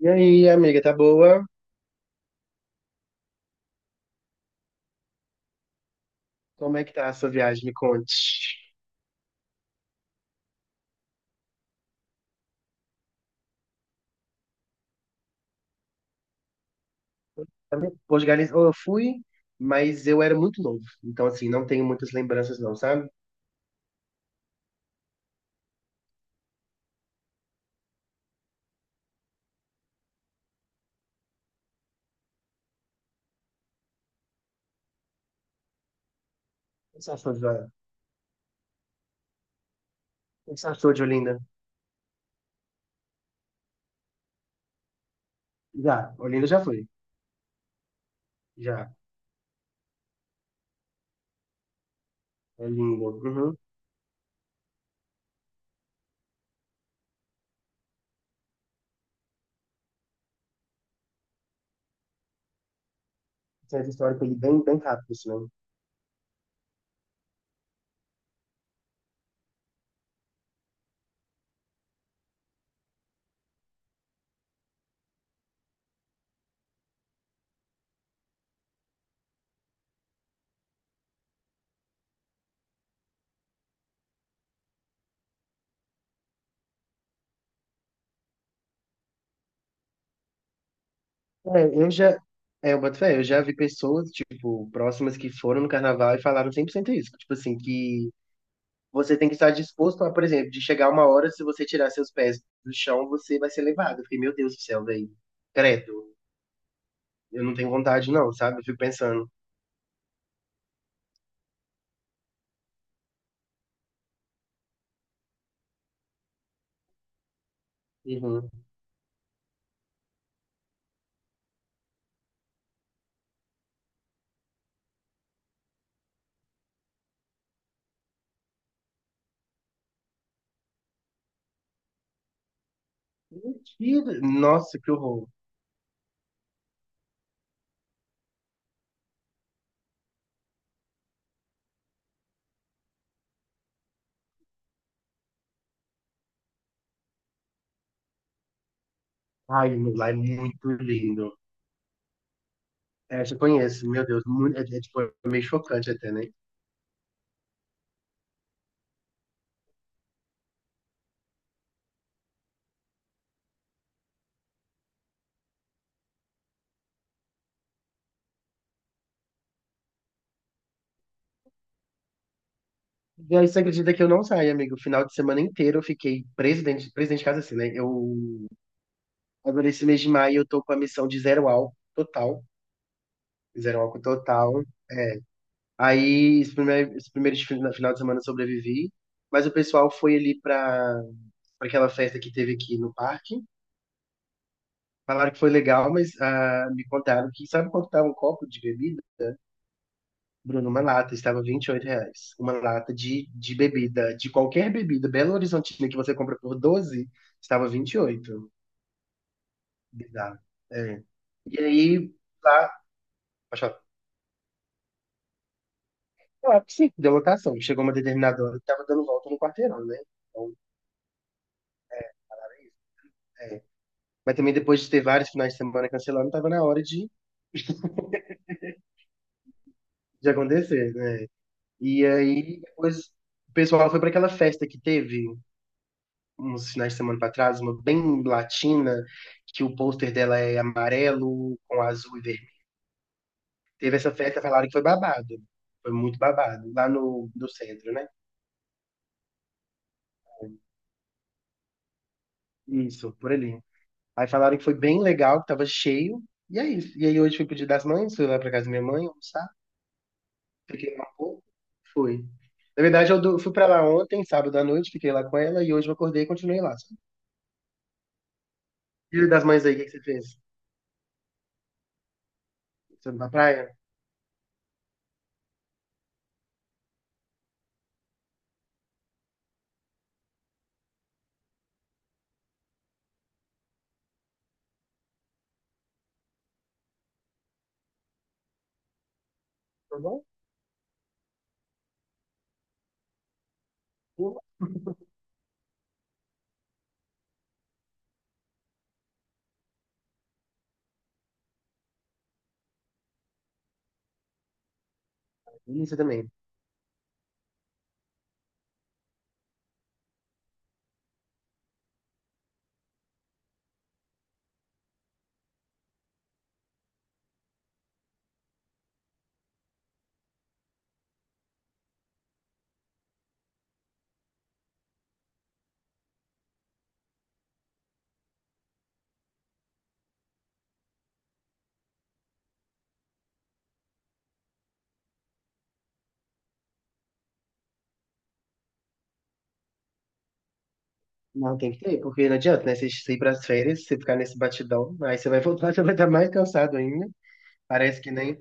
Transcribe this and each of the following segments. E aí, amiga, tá boa? Como é que tá a sua viagem? Me conte. Portugal, eu fui, mas eu era muito novo. Então, assim, não tenho muitas lembranças, não, sabe? O que você achou de Olinda? Já, Olinda já foi. Já, Olinda. Uhum. Centro histórico ali bem rápido, assim, né? É, eu já... É, eu boto fé, eu já vi pessoas, tipo, próximas que foram no carnaval e falaram 100% isso. Tipo assim, que você tem que estar disposto a, por exemplo, de chegar uma hora, se você tirar seus pés do chão, você vai ser levado. Eu fiquei, meu Deus do céu, velho. Credo. Eu não tenho vontade, não, sabe? Eu fico pensando. Uhum. Mentira. Nossa, que horror. Ai, meu, lá é muito lindo. É, eu já conheço, meu Deus, muito, tipo, é meio chocante até, né? E aí você acredita que eu não saí, amigo? O final de semana inteiro eu fiquei presidente de casa assim, né? Eu agora esse mês de maio eu tô com a missão de zero álcool total, zero álcool total. Aí, final de semana eu sobrevivi, mas o pessoal foi ali pra aquela festa que teve aqui no parque. Falaram que foi legal, mas me contaram que, sabe quanto estava um copo de bebida? Bruno, uma lata, estava R$ 28. Uma lata de bebida, de qualquer bebida, Belo Horizontina, que você compra por 12, estava 28. Bizarro. É. E aí, lá, pode falar. Claro que sim, deu lotação. Chegou uma determinada hora que estava dando volta no quarteirão, né? Então, era isso. É. Mas também depois de ter vários finais de semana cancelando, tava na hora de acontecer, né? E aí depois o pessoal foi para aquela festa que teve uns finais de semana para trás, uma bem latina, que o pôster dela é amarelo com azul e vermelho. Teve essa festa, falaram que foi babado. Foi muito babado, lá no centro, né? Isso, por ali. Aí falaram que foi bem legal, que tava cheio. E é isso. E aí hoje fui pro Dia das Mães, fui lá pra casa da minha mãe, almoçar. Fiquei lá um pouco, fui. Na verdade, fui pra lá ontem, sábado à noite, fiquei lá com ela e hoje eu acordei e continuei lá, sabe? Dia das Mães aí, o que que você fez? Você foi pra praia? Tá bom? Isso também. Não, tem que ter, porque não adianta, né? Você ir pras férias, você ficar nesse batidão, aí você vai voltar, você vai estar mais cansado ainda. Parece que nem.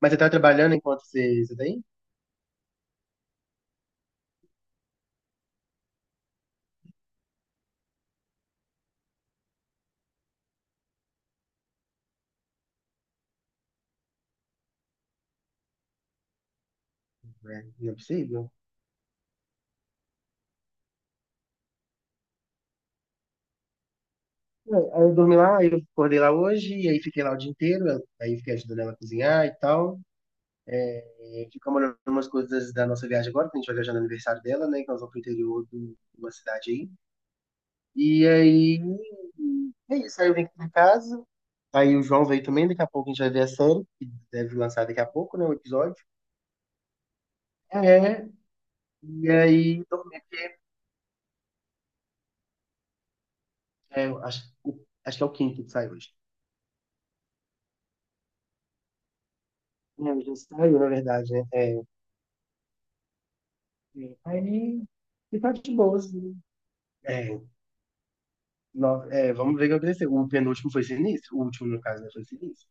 Mas você tá trabalhando enquanto você tá aí? É, não é possível. É, aí eu dormi lá, aí eu acordei lá hoje, e aí fiquei lá o dia inteiro, aí fiquei ajudando ela a cozinhar e tal. Gente fica olhando umas coisas da nossa viagem agora, que a gente vai viajar no aniversário dela, né? Que nós vamos pro interior de uma cidade aí. E aí. É isso. Aí eu vim aqui pra casa. Aí o João veio também, daqui a pouco a gente vai ver a série, que deve lançar daqui a pouco, né? O episódio. É. E aí, dormi. É, acho que é o quinto que sai hoje. Não, já saiu, na verdade, né? É. Aí. E tá de boa, assim. É, é, vamos ver o que aconteceu. O penúltimo foi sinistro, o último, no caso, né, foi sinistro.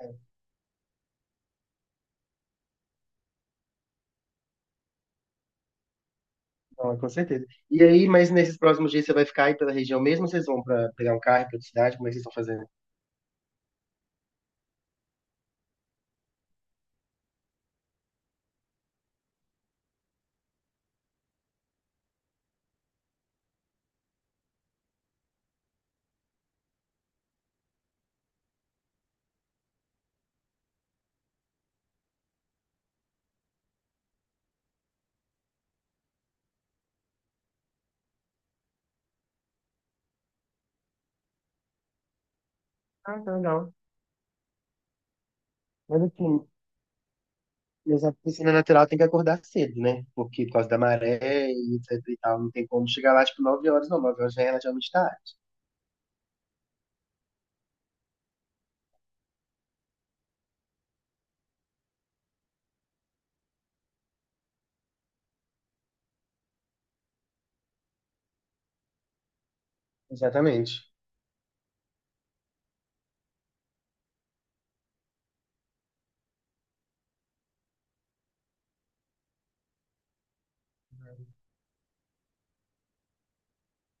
É. Não, com certeza. E aí, mas nesses próximos dias você vai ficar aí pela região mesmo, ou vocês vão para pegar um carro para outra cidade? Como é que vocês estão fazendo? Ah, tá legal. Mas assim, mas a piscina natural tem que acordar cedo, né? Porque por causa da maré e etc e tal, não tem como chegar lá tipo 9 horas, não. 9 horas já é relativamente tarde. Exatamente.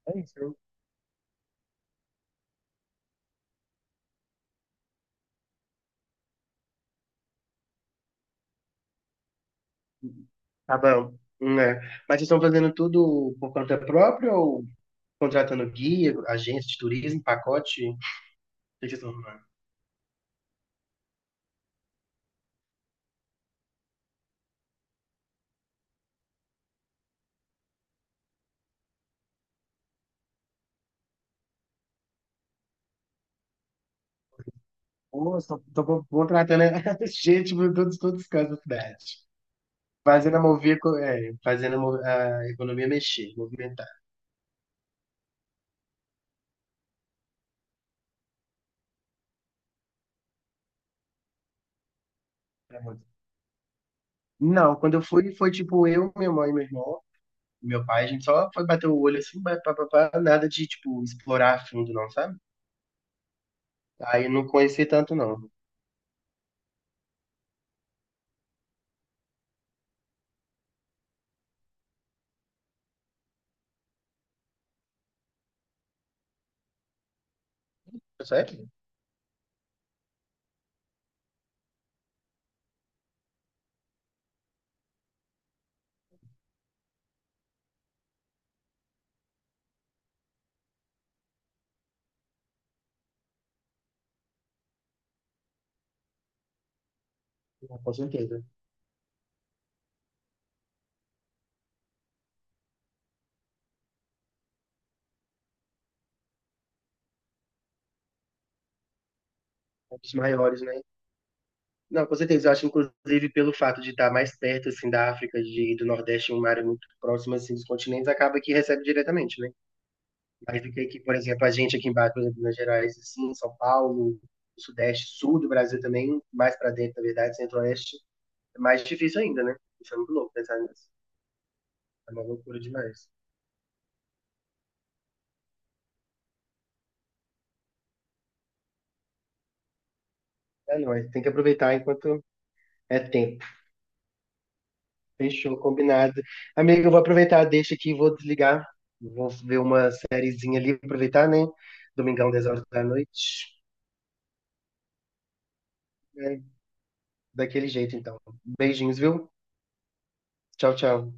É isso. Tá bom. Né? Mas vocês estão fazendo tudo por conta própria ou contratando guia, agência de turismo, pacote. O que que vocês estão... Pô, só tô contratando gente por todos, todos os cantos da cidade. Fazendo a mover, co- é, fazendo a economia mexer, movimentar. É muito. Não, quando eu fui, foi tipo eu, minha mãe, meu irmão, meu pai, a gente só foi bater o olho assim, pá, pá, pá, pá, nada de, tipo, explorar a fundo, não, sabe? Aí eu não conheci tanto, não. Sério? Com certeza. Um dos maiores, né? Não, com certeza. Eu acho, inclusive, pelo fato de estar mais perto, assim, da e do Nordeste, uma área muito próxima, assim, dos continentes, acaba que recebe diretamente, né? Mais do que aqui, por exemplo, a gente aqui embaixo, por exemplo, em Minas Gerais, assim, São Paulo, Sudeste, Sul do Brasil também, mais para dentro, na verdade, Centro-Oeste, é mais difícil ainda, né? Isso é muito louco pensar nisso. É uma loucura demais. É, não, é- tem que aproveitar enquanto é tempo. Fechou, combinado. Amigo, eu vou aproveitar, deixa aqui, vou desligar. Vou ver uma sériezinha ali, aproveitar, né? Domingão, 22 horas. É, daquele jeito, então. Beijinhos, viu? Tchau, tchau.